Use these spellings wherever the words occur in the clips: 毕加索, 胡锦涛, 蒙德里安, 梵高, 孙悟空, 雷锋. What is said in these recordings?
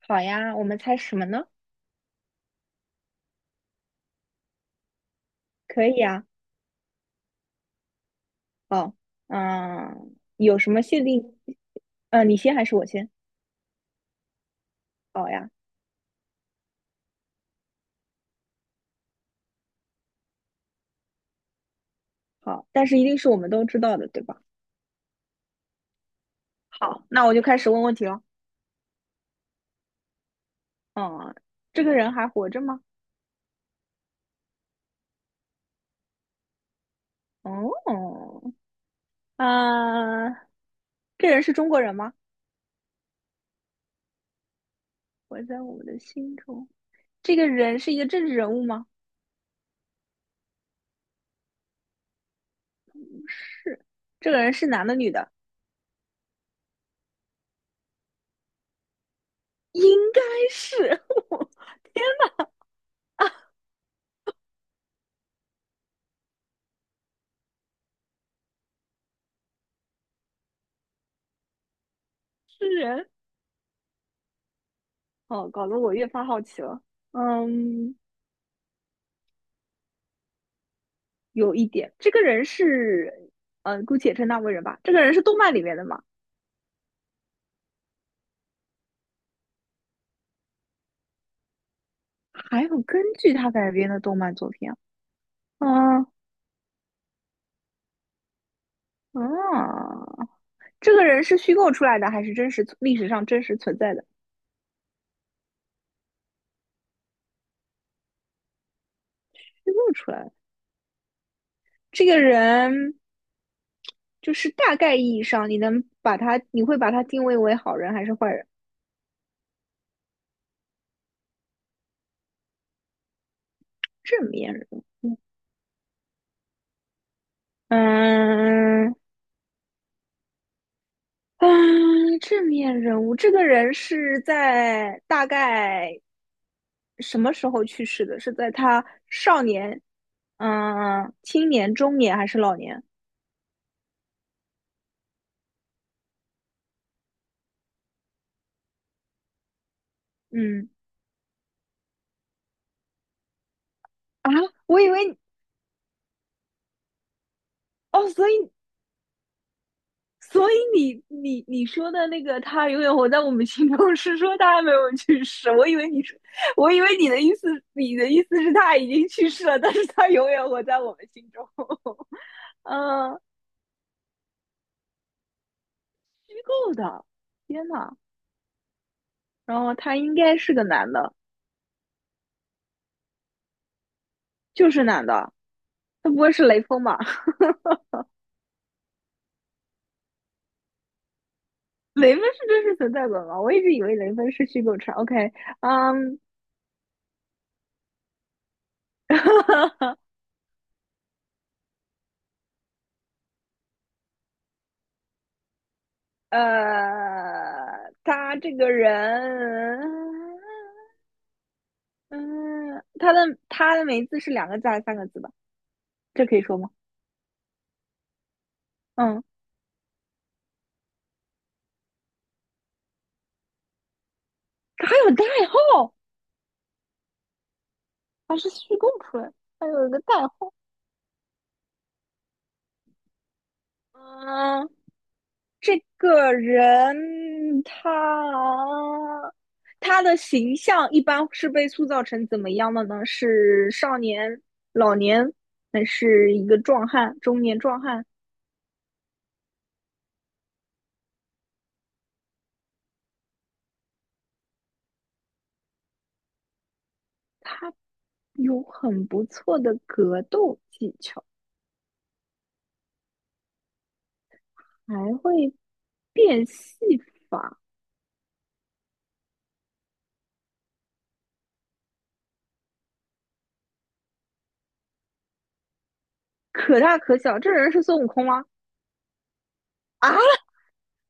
好呀，我们猜什么呢？可以啊。好，有什么限定？嗯，你先还是我先？好呀，好，但是一定是我们都知道的，对吧？好，那我就开始问问题了。嗯，这个人还活着吗？哦，啊，这人是中国人吗？活在我们的心中。这个人是一个政治人物吗？这个人是男的女的？应该是，是人。哦，搞得我越发好奇了。嗯，有一点，这个人是，姑且称他为人吧。这个人是动漫里面的嘛？还有根据他改编的动漫作品啊？嗯、啊，这个人是虚构出来的还是真实历史上真实存在的？虚构出来的。这个人就是大概意义上，你能把他，你会把他定位为好人还是坏人？正面人物，嗯嗯，正面人物。这个人是在大概什么时候去世的？是在他少年、青年、中年还是老年？嗯啊，我以为哦，所以所以你说的那个他永远活在我们心中，是说他还没有去世。我以为你说，我以为你的意思，你的意思是他已经去世了，但是他永远活在我们心中。嗯，虚构的，天呐，然后他应该是个男的，就是男的，他不会是雷锋吧？雷锋是真实存在的吗？我一直以为雷锋是虚构出来 OK，嗯，他这个人，嗯，他的名字是两个字还是三个字吧？这可以说吗？嗯，他还有代号，他是虚构出来的，还有一个代号。嗯，这个人他的形象一般是被塑造成怎么样的呢？是少年、老年，还是一个壮汉、中年壮汉？他有很不错的格斗技巧，还会变戏法，可大可小。这人是孙悟空吗？啊，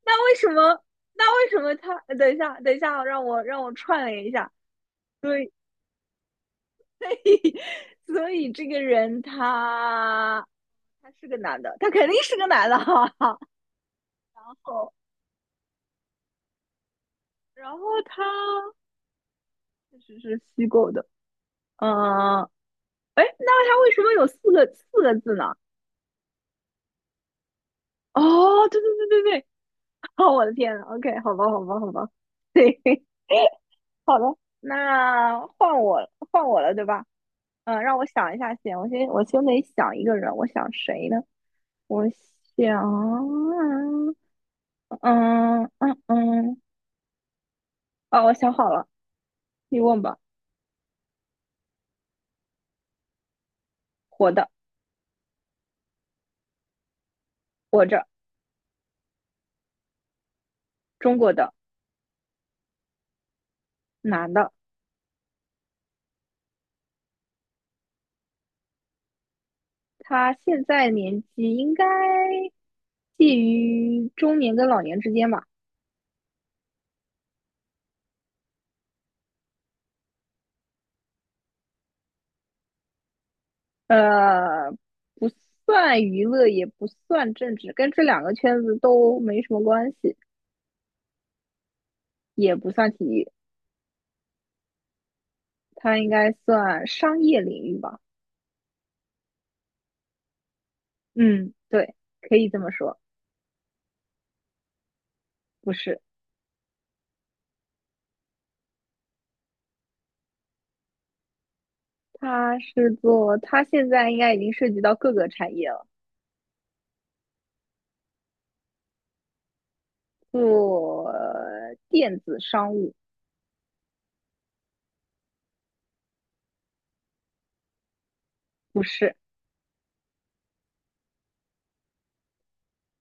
那为什么？那为什么他？等一下，等一下，让我串联一下。对，所以这个人他是个男的，他肯定是个男的哈。然后他确实是虚构的，嗯、呃，哎，那他为什么有四个字呢？哦，对对对对对，哦，我的天呐，OK，好吧，好吧，好吧，对，那换我了，对吧？嗯，让我想一下先，我先得想一个人，我想谁呢？我想，嗯嗯嗯，哦，我想好了，你问吧。活的，活着，中国的男的，他现在年纪应该介于中年跟老年之间吧，呃，不算娱乐，也不算政治，跟这两个圈子都没什么关系，也不算体育，他应该算商业领域吧。嗯，对，可以这么说，不是，他是做，他现在应该已经涉及到各个产业了，做电子商务，不是。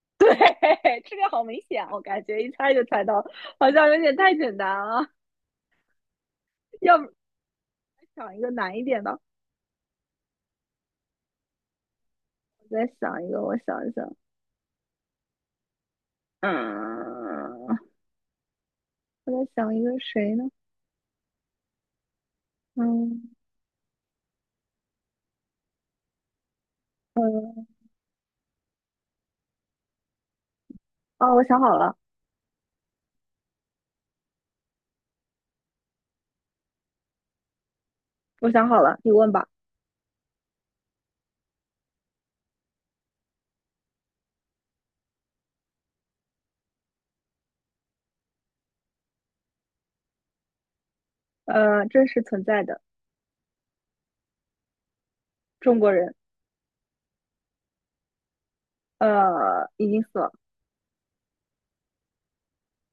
对，这个好明显，我感觉一猜就猜到了，好像有点太简单了。要不想一个难一点的？我再想一个，我想一想，嗯，我在想一个谁呢？嗯嗯，哦，我想好了，我想好了，你问吧。呃，真实存在的中国人，已经死了。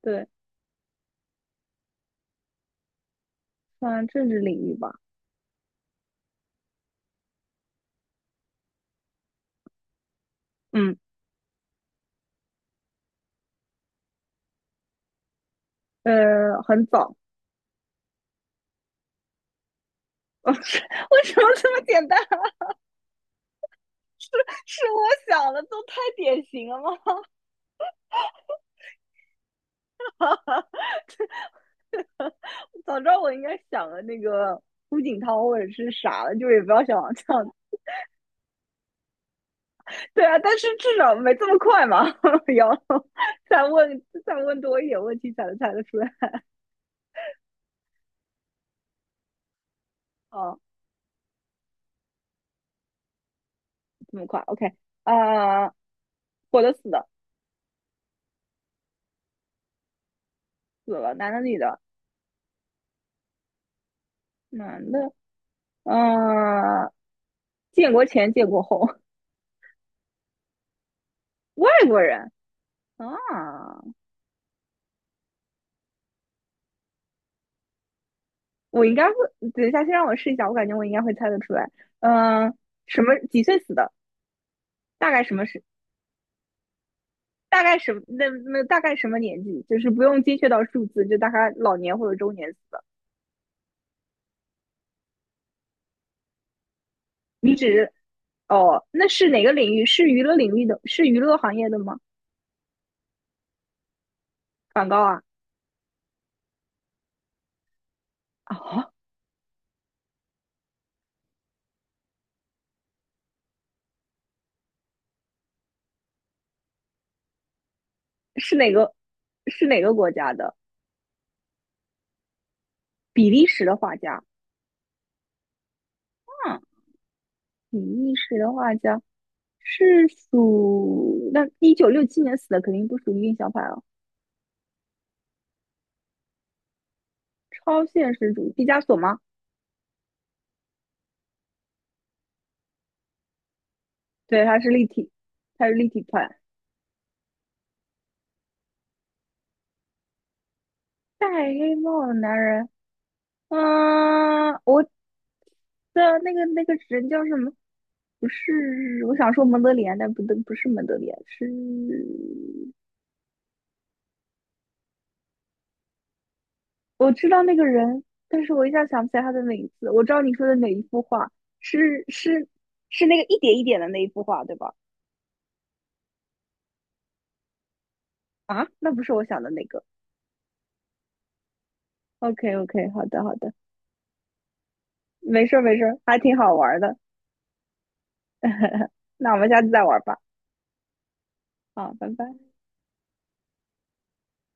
对，算政治领域吧。嗯，很早。为什么这么简单？是是我想的，都太典型了吗？早知道我应该想了那个胡锦涛或者是啥了，就也不要想这样。对啊，但是至少没这么快嘛，要再问多一点问题才能猜得出来。哦，这么快，OK 啊、呃活的死的，死了，男的女的，男的，嗯、呃建国前建国后，外国人啊，我应该会，等一下先让我试一下，我感觉我应该会猜得出来。嗯、呃什么几岁死的？大概什么时大概什么那那大概什么年纪？就是不用精确到数字，就大概老年或者中年死的。你指哦，那是哪个领域？是娱乐领域的？是娱乐行业的吗？梵高啊？啊，是哪个？是哪个国家的？比利时的画家。嗯，比利时的画家是属那1967年死的，肯定不属于印象派了。超现实主义，毕加索吗？对，他是立体，他是立体派。戴黑帽的男人。嗯，我对啊，那个那个人叫什么？不是，我想说蒙德里安，但不对，不是蒙德里安，是我知道那个人，但是我一下想不起来他的名字。我知道你说的哪一幅画，是是是那个一点一点的那一幅画，对吧？啊，那不是我想的那个。OK OK，好的好的，没事儿没事儿，还挺好玩儿的。那我们下次再玩儿吧。好，拜拜。